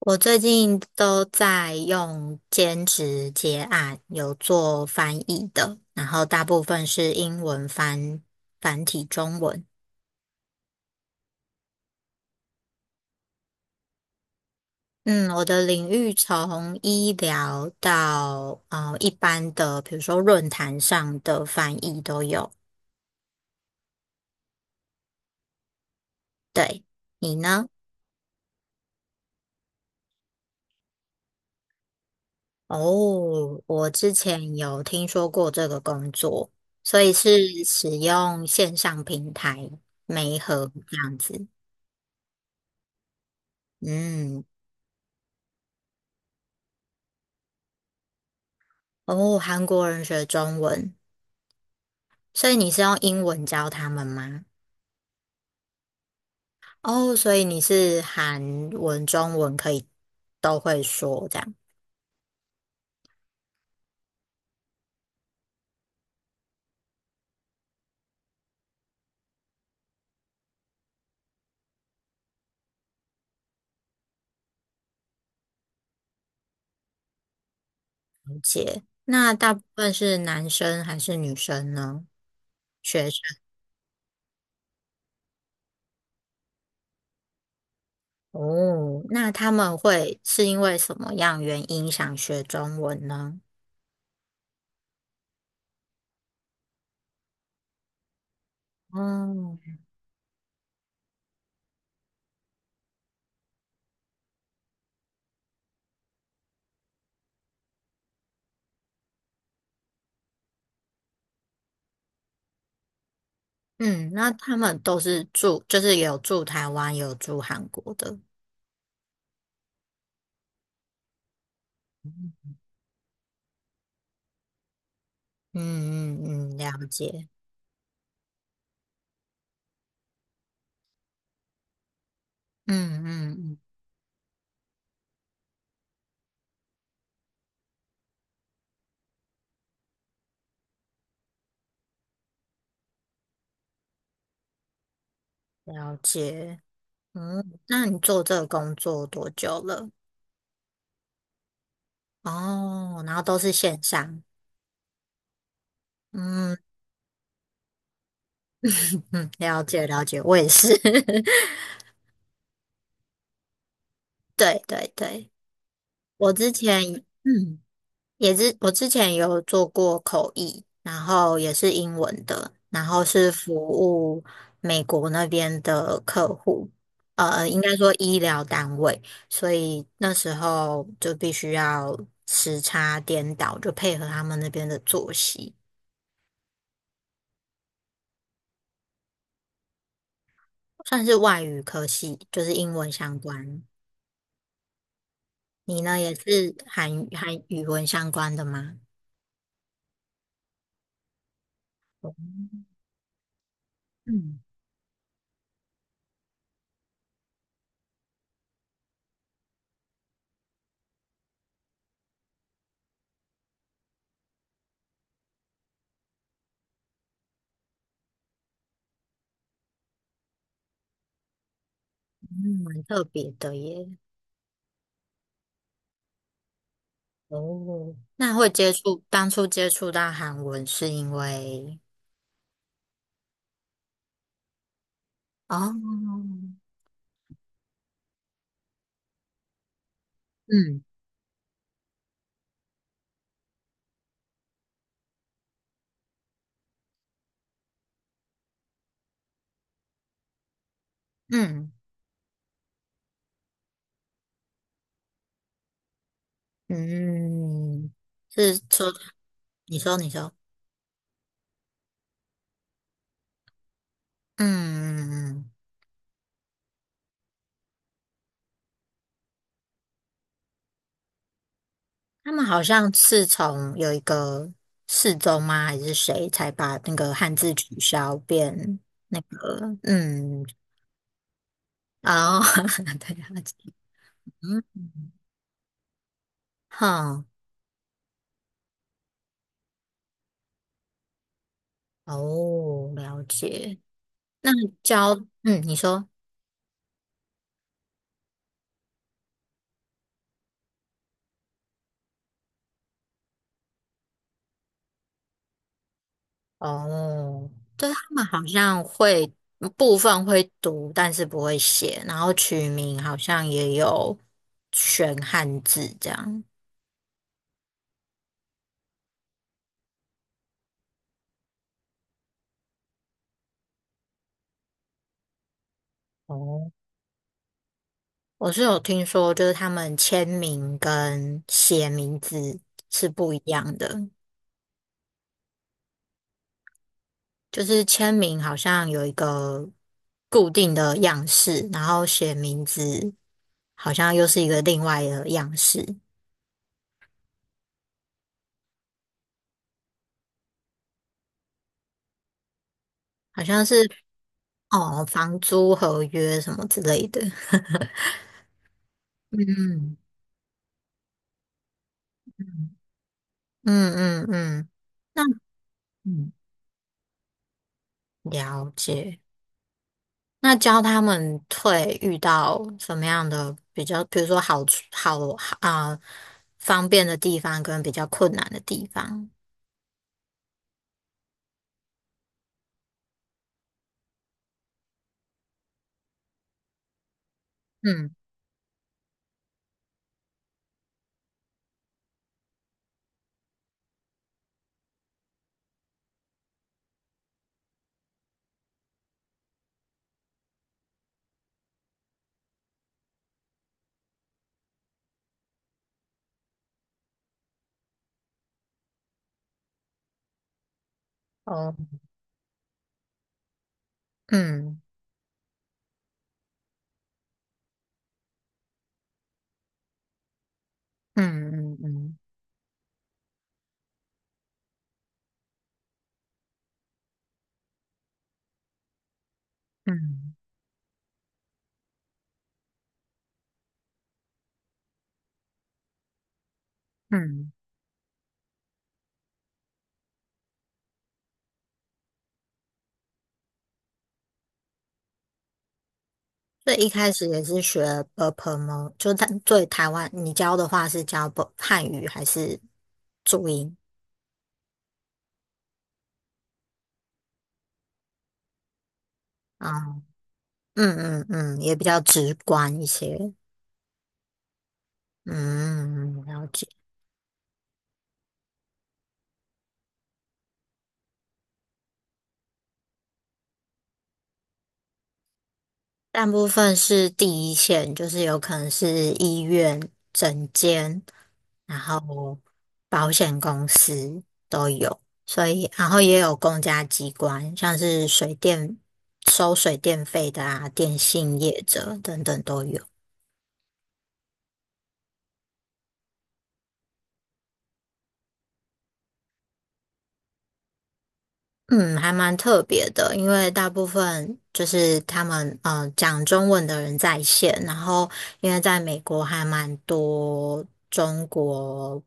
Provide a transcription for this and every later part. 我最近都在用兼职接案，有做翻译的，然后大部分是英文翻繁体中文。嗯，我的领域从医疗到一般的，比如说论坛上的翻译都有。对，你呢？哦，我之前有听说过这个工作，所以是使用线上平台媒合这样子。嗯。哦，韩国人学中文，所以你是用英文教他们吗？哦，所以你是韩文、中文可以都会说这样解。那大部分是男生还是女生呢？学生。哦，那他们会是因为什么样原因想学中文呢？哦，嗯，那他们都是住，就是有住台湾，有住韩国的。嗯嗯嗯，了解。嗯嗯嗯，了解。嗯，那你做这个工作多久了？哦，然后都是线上。嗯嗯，了解了解，我也是。对对对，我之前嗯也是，我之前有做过口译，然后也是英文的，然后是服务美国那边的客户，应该说医疗单位，所以那时候就必须要时差颠倒，就配合他们那边的作息。算是外语科系，就是英文相关。你呢，也是韩语文相关的吗？嗯，嗯，蛮特别的耶。哦，那会接触，当初接触到韩文是因为，哦，嗯嗯嗯，是说，你说，嗯，他们好像是从有一个世宗吗，还是谁才把那个汉字取消变那个，嗯，哦，对啊，嗯，哼，哦，了解。那教，嗯，你说，哦，对，他们好像会嗯部分会读，但是不会写，然后取名好像也有选汉字这样。哦，我是有听说，就是他们签名跟写名字是不一样的。就是签名好像有一个固定的样式，然后写名字好像又是一个另外的样式，好像是哦，房租合约什么之类的。嗯嗯嗯嗯，那嗯，了解。那教他们退遇到什么样的比较，比如说好处好啊、方便的地方跟比较困难的地方。嗯，哦，嗯嗯嗯嗯嗯嗯。所以一开始也是学 b u p e o 就台湾，你教的话是教 b 汉语还是注音？啊、嗯嗯嗯，也比较直观一些。嗯，了解。大部分是第一线，就是有可能是医院、诊间，然后保险公司都有，所以然后也有公家机关，像是水电收水电费的啊，电信业者等等都有。嗯，还蛮特别的，因为大部分就是他们讲中文的人在线，然后因为在美国还蛮多中国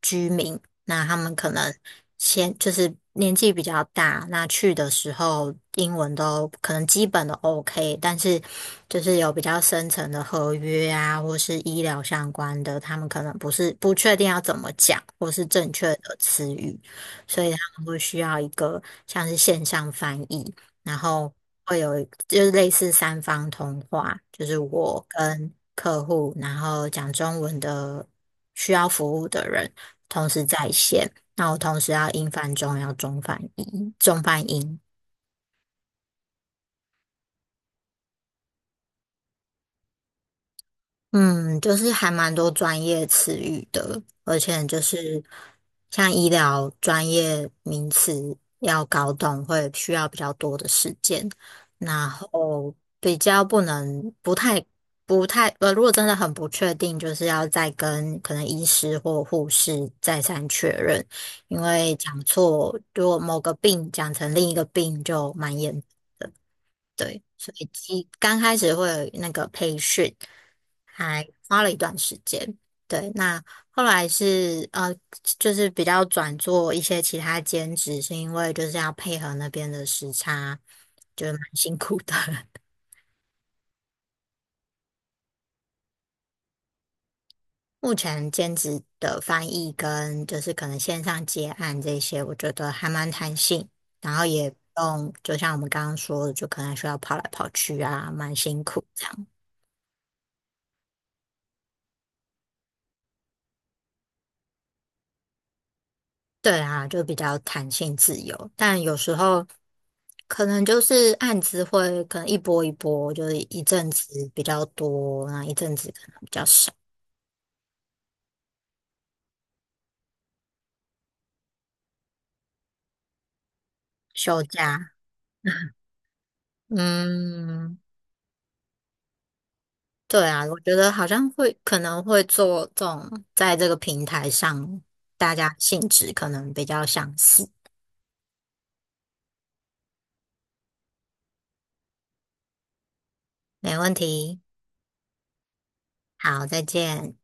居民，那他们可能先就是年纪比较大，那去的时候英文都可能基本的 OK，但是就是有比较深层的合约啊，或是医疗相关的，他们可能不是不确定要怎么讲，或是正确的词语。所以他们会需要一个像是线上翻译，然后会有就是类似三方通话，就是我跟客户，然后讲中文的需要服务的人同时在线，那我同时要英翻中，要中翻英，中翻英。嗯，就是还蛮多专业词语的，而且就是像医疗专业名词要搞懂，会需要比较多的时间，然后比较不能不太如果真的很不确定，就是要再跟可能医师或护士再三确认，因为讲错，如果某个病讲成另一个病就蛮严对，所以一刚开始会有那个培训，还花了一段时间。对，那后来是就是比较转做一些其他兼职，是因为就是要配合那边的时差，就是蛮辛苦的。目前兼职的翻译跟就是可能线上接案这些，我觉得还蛮弹性，然后也不用，就像我们刚刚说的，就可能需要跑来跑去啊，蛮辛苦这样。对啊，就比较弹性自由，但有时候可能就是案子会可能一波一波，就是一阵子比较多，那一阵子可能比较少。休假，嗯，对啊，我觉得好像会可能会做这种，在这个平台上，大家性质可能比较相似。没问题，好，再见。